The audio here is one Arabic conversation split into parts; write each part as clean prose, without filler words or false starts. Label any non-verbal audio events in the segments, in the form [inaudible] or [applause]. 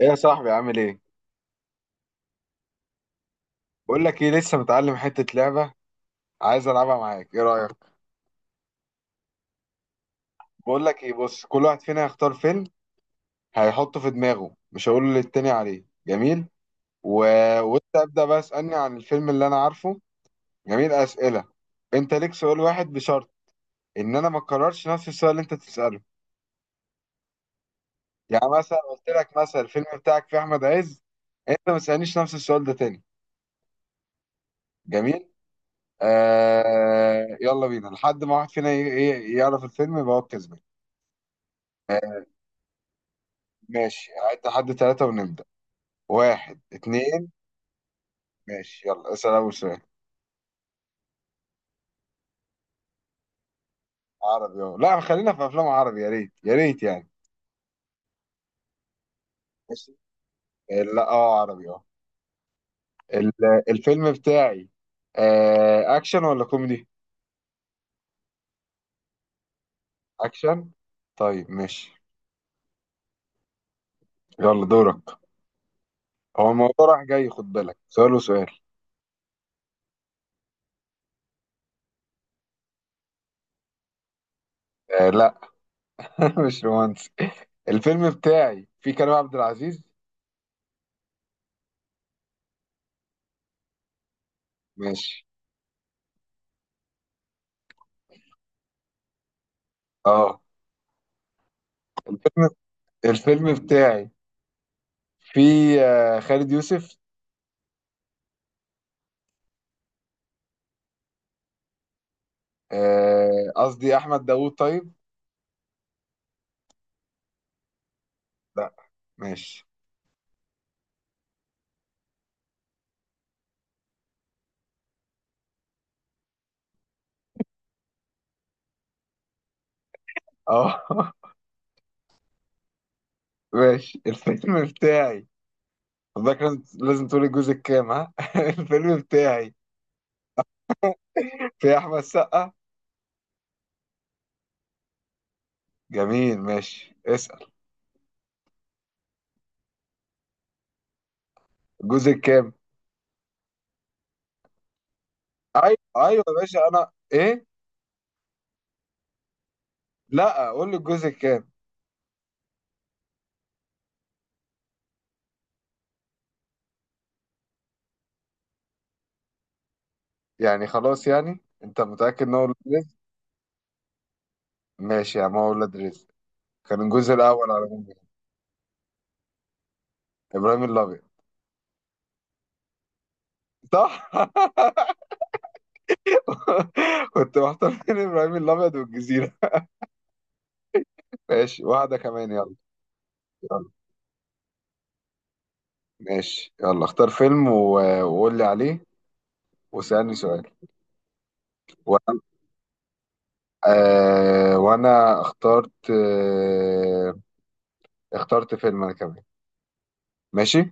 ايه يا صاحبي، عامل ايه؟ بقول لك ايه، لسه متعلم حته لعبه. عايز العبها معاك، ايه رايك؟ بقول لك ايه، بص، كل واحد فينا هيختار فيلم، هيحطه في دماغه، مش هقول للتاني عليه. جميل. و... وانت ابدا بقى اسالني عن الفيلم اللي انا عارفه. جميل، اسئله. انت ليك سؤال واحد بشرط ان انا ما اكررش نفس السؤال اللي انت تساله. يعني مثلا قلت لك مثلا الفيلم بتاعك فيه احمد عز، انت ما تسالنيش نفس السؤال ده تاني. جميل. يلا بينا لحد ما واحد فينا يعرف الفيلم يبقى هو الكسبان. آه، ماشي. عد لحد ثلاثة ونبدأ. واحد، اتنين. ماشي، يلا اسأل أول سؤال. عربي؟ اه لا، خلينا في أفلام عربي، يا ريت يا ريت يعني. ماشي. لا، اه عربي اه. الفيلم بتاعي أكشن ولا كوميدي؟ أكشن. طيب ماشي. يلا دورك. هو الموضوع راح جاي، خد بالك، سؤال وسؤال. آه لا، [laughs] مش رومانسي. الفيلم بتاعي فيه كريم عبد العزيز. ماشي. اه. الفيلم الفيلم بتاعي فيه خالد يوسف. قصدي احمد داوود. طيب. لا. ماشي. اه [laughs] ماشي، الفيلم بتاعي. حضرتك لازم لازم تقولي الجزء الكام. ها [laughs] الفيلم بتاعي في احمد سقا. جميل، ماشي، اسأل. الجزء الكام؟ ايوه ايوه يا باشا، انا ايه. لا، قول لي الجزء الكام. يعني خلاص، يعني انت متأكد ان هو ولاد رزق؟ ماشي يا عم، هو ولاد رزق. كان الجزء الاول على مين؟ ابراهيم الابيض. صح. [laughs] كنت محتار بين ابراهيم الابيض والجزيرة. ماشي، واحدة كمان يلا. يلا. ماشي، يلا اختار فيلم وقول لي عليه. واسألني سؤال. وانا وانا اخترت اخترت فيلم انا كمان. ماشي.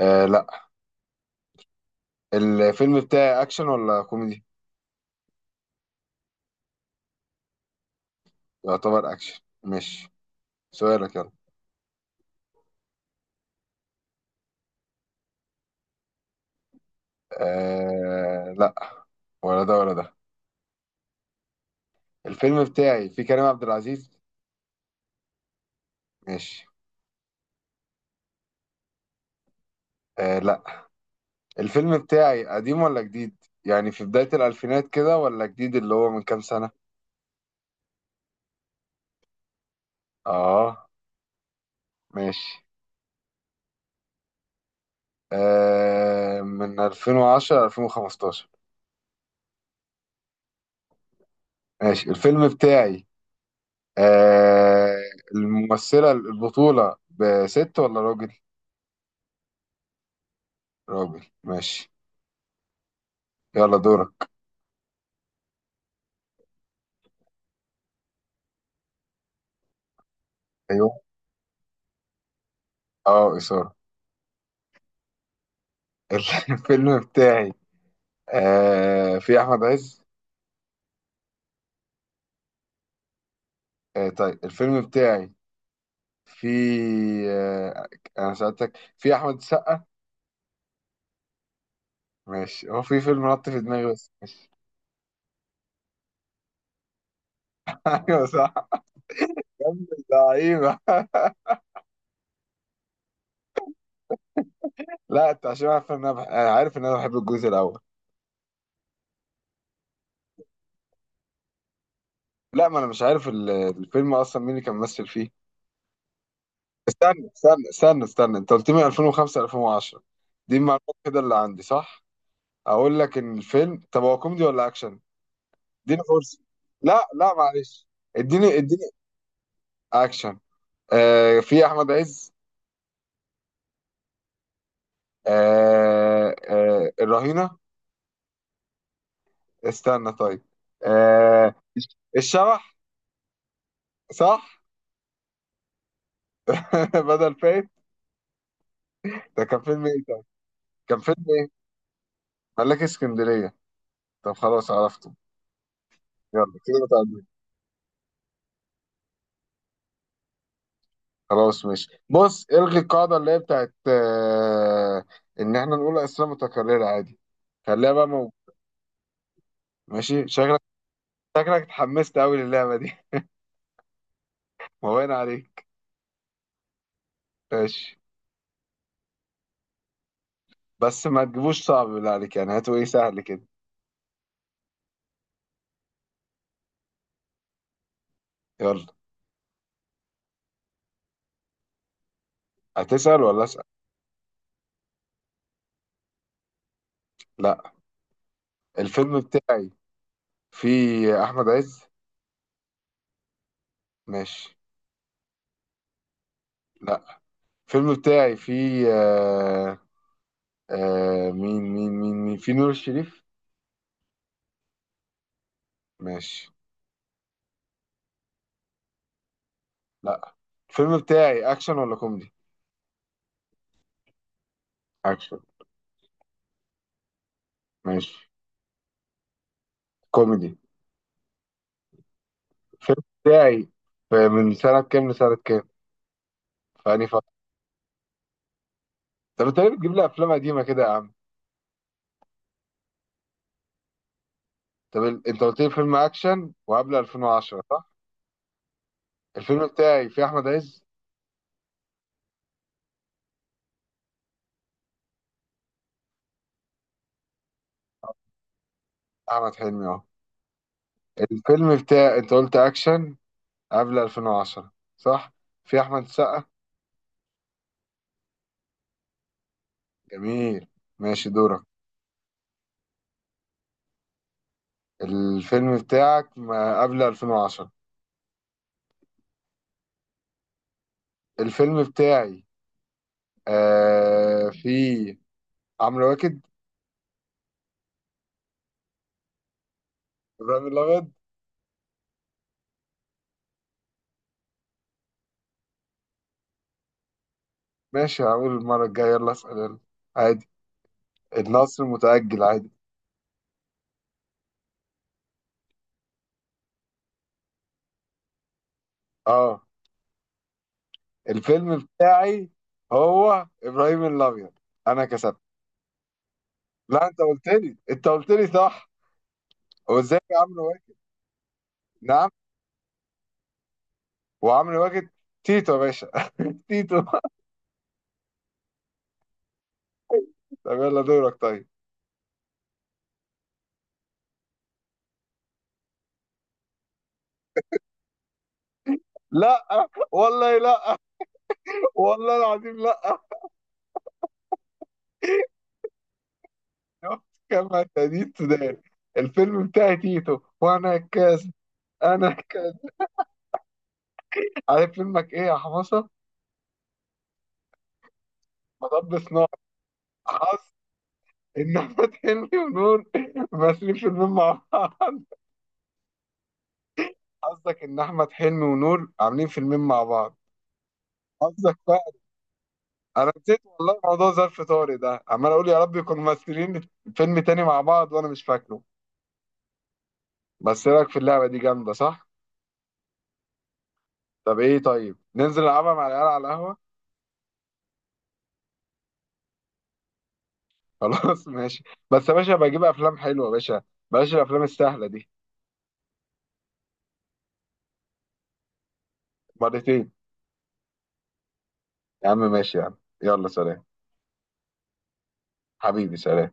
آه لا. الفيلم بتاعي اكشن ولا كوميدي؟ يعتبر اكشن. ماشي. سؤالك يلا. آه لا، ولا ده ولا ده. الفيلم بتاعي فيه كريم عبد العزيز. ماشي. آه لا. الفيلم بتاعي قديم ولا جديد؟ يعني في بداية الألفينات كده، ولا جديد اللي هو من كام سنة. اه. ماشي. آه من 2010 ل 2015. ماشي، الفيلم بتاعي آه الممثلة البطولة بست ولا راجل؟ راجل. ماشي. يلا دورك. ايوه. اه، إثارة. [laughs] الفيلم بتاعي في أحمد عز. آه طيب، الفيلم بتاعي في آه أنا سألتك في أحمد السقا. ماشي، هو في فيلم نط في دماغي بس. [laughs] أيوه صح. يا ابن اللعيبة. لا، أنت عشان عارف إن أنا أنا عارف إن أنا بحب الجزء الأول. لا، ما انا مش عارف الفيلم اصلا مين اللي كان ممثل فيه. استنى استنى استنى استنى، انت قلت لي 2005 2010. دي المعلومات كده اللي عندي، صح؟ اقول لك ان الفيلم، طب هو كوميدي ولا اكشن. اديني فرصه. لا لا معلش. اديني اديني. اكشن. آه في احمد عز. الرهينه. استنى طيب. آه الشبح. صح. [laughs] بدل فايت. ده كان فيلم ايه ده؟ كان فيلم ايه؟ ملاك اسكندريه. طب خلاص عرفته. يلا كده. خلاص ماشي، بص، الغي القاعدة اللي هي بتاعت ان احنا نقول اسئلة متكررة. عادي، خليها بقى موجودة. ماشي. شكلك اتحمست قوي للعبة دي. [laughs] مبين عليك. ماشي. بس ما تجيبوش صعب، بالله عليك يعني، هاتوا ايه سهل كده. يلا. هتسأل ولا اسأل؟ لا، الفيلم بتاعي فيه احمد عز. ماشي. لا، الفيلم بتاعي فيه مين مين مين مين، فيه نور الشريف. ماشي. لا، الفيلم بتاعي اكشن ولا كوميدي؟ اكشن. ماشي. كوميدي. الفيلم بتاعي من سنة كام لسنة كام؟ في أنهي فترة؟ طب أنت ليه بتجيب لي أفلام قديمة كده يا عم؟ طب أنت قلت لي فيلم أكشن وقبل 2010 صح؟ الفيلم بتاعي فيه أحمد عز؟ أحمد حلمي أهو. الفيلم بتاعي أنت قلت أكشن قبل 2010 صح؟ فيه أحمد السقا؟ جميل، ماشي، دورك. الفيلم بتاعك ما قبل 2010. الفيلم بتاعي فيه عمرو واكد. إبراهيم الأبيض. ماشي، هقول المرة الجاية. يلا اسأل يلا. عادي، النصر متأجل. عادي. اه. الفيلم بتاعي هو إبراهيم الأبيض. أنا كسبت. لا، أنت قلت لي، أنت قلت لي صح. هو إزاي يا عمرو واكد. نعم. وعمرو واكد، تيتو يا باشا. [laughs] تيتو. طب يلا دورك طيب. لا والله لا. والله العظيم لا. كما تدين سودان. الفيلم بتاعي تيتو، وأنا كاس. أنا كاس. عارف فيلمك إيه يا حمصة؟ مطب صناعي. ان احمد حلمي ونور ماسكين فيلمين مع بعض. قصدك ان احمد حلمي ونور عاملين فيلمين مع بعض. قصدك بقى. انا نسيت والله موضوع ظرف طارق ده، عمال اقول يا رب يكونوا ممثلين فيلم تاني مع بعض وانا مش فاكره. بس إيه رايك في اللعبه دي، جامده صح؟ طب ايه، طيب ننزل نلعبها مع العيال على القهوه. [laughs] خلاص ماشي. بس يا باشا، بجيب افلام حلوه يا باشا، بلاش الافلام السهله دي. مرتين. يا عم ماشي يا عم. يلا سلام. حبيبي سلام.